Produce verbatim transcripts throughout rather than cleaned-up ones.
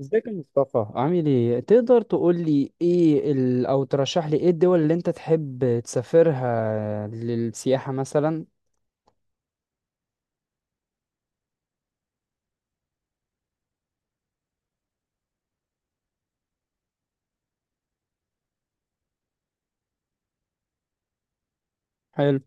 ازيك يا مصطفى؟ عامل ايه؟ تقدر تقول لي ايه ال... او ترشح لي ايه الدول اللي انت تحب تسافرها للسياحة مثلا؟ حلو.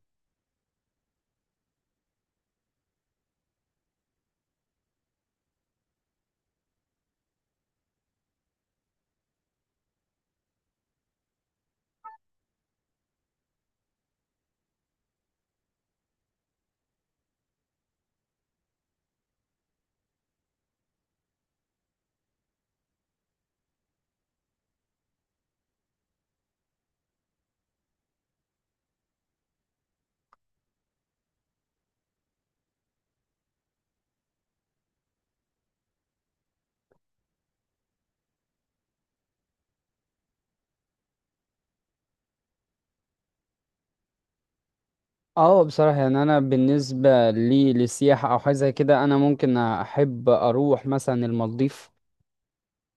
اه، بصراحة يعني انا بالنسبة لي للسياحة او حاجة زي كده، انا ممكن احب اروح مثلا المالديف.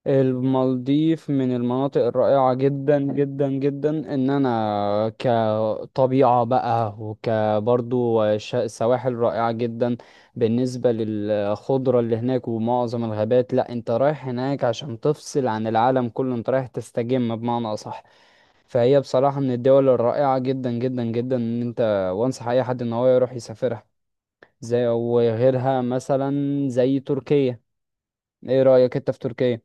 المالديف من المناطق الرائعة جدا جدا جدا، ان انا كطبيعة بقى، وكبرضو ش- سواحل رائعة جدا بالنسبة للخضرة اللي هناك ومعظم الغابات. لا، انت رايح هناك عشان تفصل عن العالم كله، انت رايح تستجم بمعنى اصح. فهي بصراحة من الدول الرائعة جدا جدا جدا، ان انت وانصح اي حد ان هو يروح يسافرها، زي وغيرها مثلا، زي تركيا. ايه رأيك انت في تركيا؟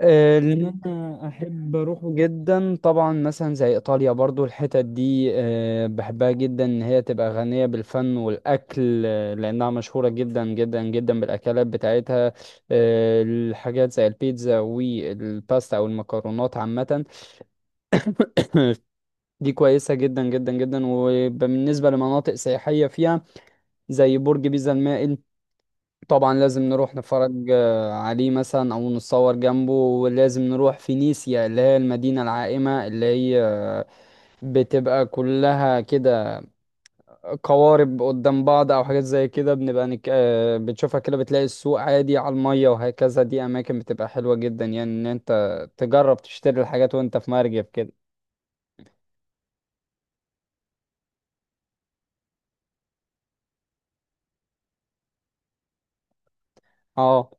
آه، اللي انا احب اروحه جدا طبعا مثلا زي ايطاليا. برضو الحتت دي آه، بحبها جدا، ان هي تبقى غنية بالفن والاكل. آه، لانها مشهورة جدا جدا جدا بالاكلات بتاعتها. آه، الحاجات زي البيتزا والباستا او المكرونات عامة. دي كويسة جدا جدا جدا. وبالنسبة لمناطق سياحية فيها، زي برج بيزا المائل، طبعا لازم نروح نتفرج آه، عليه مثلا او نتصور جنبه. ولازم نروح فينيسيا اللي هي المدينة العائمة، اللي هي آه، بتبقى كلها كده قوارب قدام بعض او حاجات زي كده. بنبقى نك... آه، بتشوفها كده، بتلاقي السوق عادي على المية، وهكذا. دي اماكن بتبقى حلوة جدا، يعني ان انت تجرب تشتري الحاجات وانت في مركب كده. اه،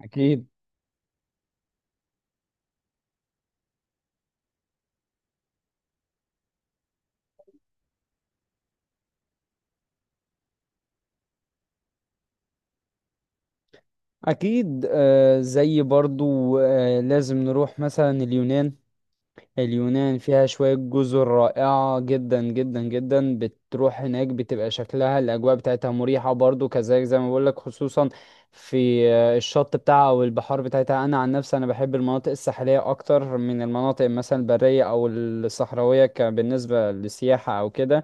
اكيد اكيد. آه، زي برضو آه، لازم نروح مثلا اليونان. اليونان فيها شوية جزر رائعة جدا جدا جدا، بتروح هناك بتبقى شكلها الأجواء بتاعتها مريحة، برضو كذلك زي ما بقولك، خصوصا في آه، الشط بتاعها أو البحار بتاعتها. أنا عن نفسي أنا بحب المناطق الساحلية أكتر من المناطق مثلا البرية أو الصحراوية، ك- بالنسبة للسياحة أو كده.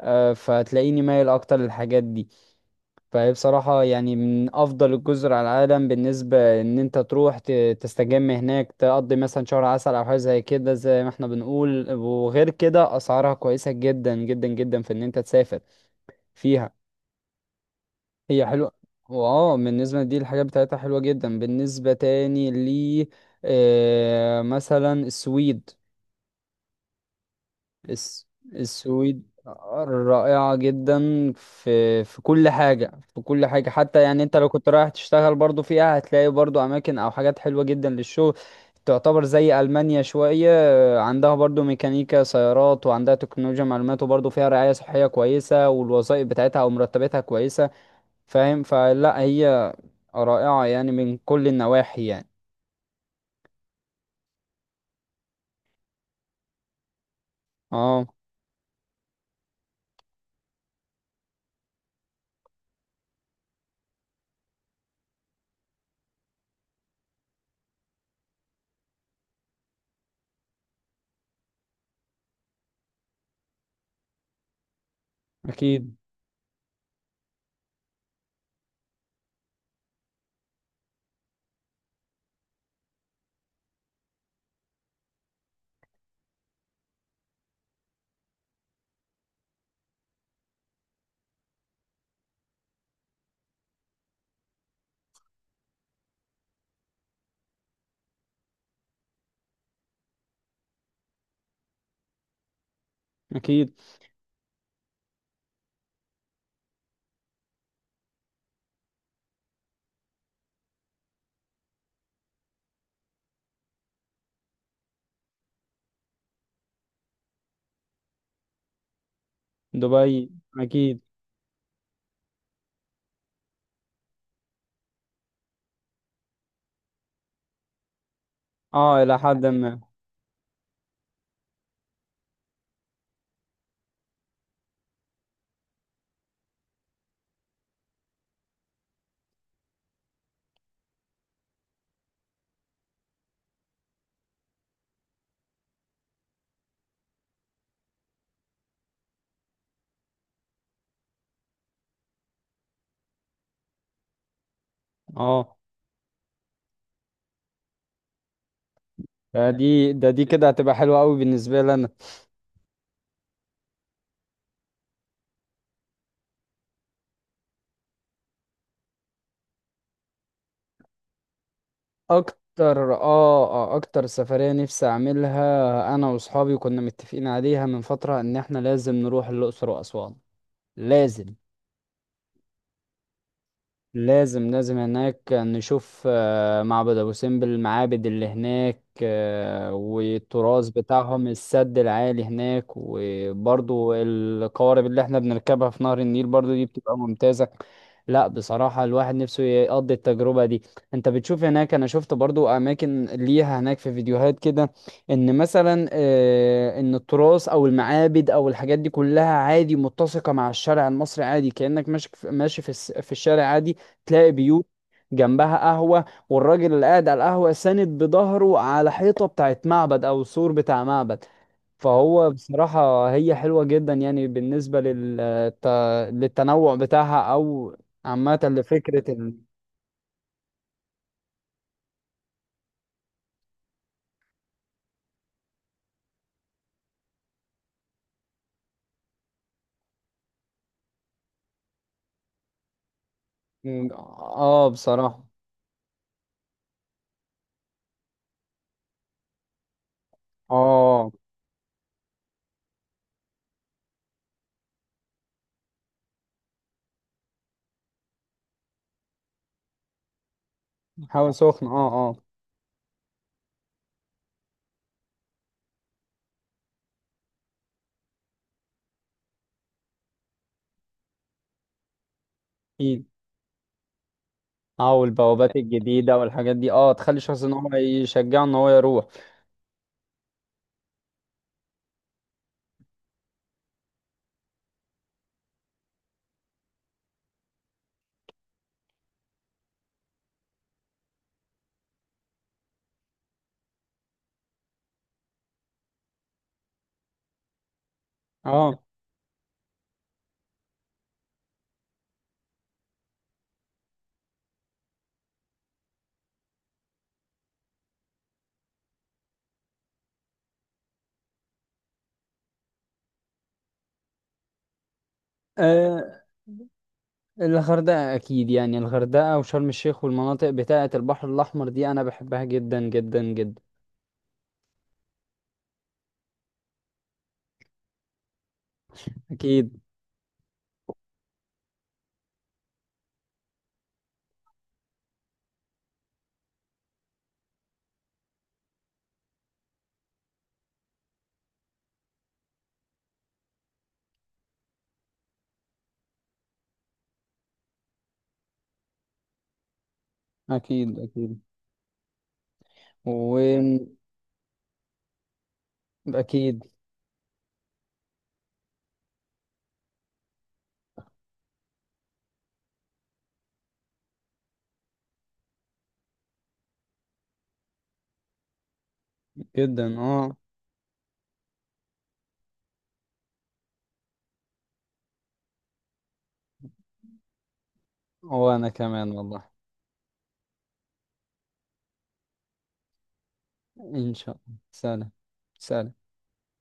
آه، فتلاقيني مايل أكتر للحاجات دي. فهي بصراحة يعني من أفضل الجزر على العالم بالنسبة إن أنت تروح ت- تستجم هناك، تقضي مثلا شهر عسل أو حاجة زي كده، زي ما احنا بنقول. وغير كده أسعارها كويسة جدا جدا جدا في إن أنت تسافر فيها. هي حلوة. واه، بالنسبة دي الحاجات بتاعتها حلوة جدا. بالنسبة تاني لي، آه مثلا السويد. الس... السويد رائعة جدا في في كل حاجة، في كل حاجة. حتى يعني انت لو كنت رايح تشتغل برضو فيها، هتلاقي برضو اماكن او حاجات حلوة جدا للشغل. تعتبر زي ألمانيا شوية، عندها برضو ميكانيكا سيارات، وعندها تكنولوجيا معلومات، وبرضو فيها رعاية صحية كويسة، والوظائف بتاعتها او مرتباتها كويسة. فاهم؟ فلا، هي رائعة يعني من كل النواحي يعني. اه. اكيد. اكيد دبي. اكيد. اه، الى حد ما. اه، آه، دي ده دي كده هتبقى حلوة قوي بالنسبة لي انا. اكتر، اه، آه، اكتر سفرية نفسي اعملها انا واصحابي، كنا متفقين عليها من فترة ان احنا لازم نروح الاقصر واسوان. لازم، لازم، لازم. هناك نشوف آه، معبد ابو سمبل، المعابد اللي هناك، آه، والتراث بتاعهم، السد العالي هناك، وبرضو القوارب اللي احنا بنركبها في نهر النيل برضو، دي بتبقى ممتازة. لا، بصراحة الواحد نفسه يقضي التجربة دي. انت بتشوف هناك، انا شفت برضو اماكن ليها هناك في فيديوهات كده، ان مثلا آه، ان التراث او المعابد او الحاجات دي كلها عادي متسقة مع الشارع المصري عادي. كأنك ماشي في ماشي في الس- في الشارع عادي، تلاقي بيوت جنبها قهوة، والراجل اللي قاعد على القهوة ساند بظهره على حيطة بتاعت معبد أو سور بتاع معبد. فهو بصراحة هي حلوة جدا، يعني بالنسبة لل... الت- للتنوع بتاعها، أو عامة لفكرة ال... آه بصراحة. آه، حاول سخن. آه، آه. أكيد. آه، والبوابات الجديدة والحاجات دي، آه، تخلي الشخص إن هو يشجعه إن هو يروح. آه، الغردقة أكيد. يعني الغردقة وشرم الشيخ والمناطق بتاعة البحر الأحمر دي، أنا بحبها جدا جدا جدا. أكيد أكيد. أكيد وأكيد جدا. أه. وأنا كمان والله. إن شاء الله، سلام. سلام.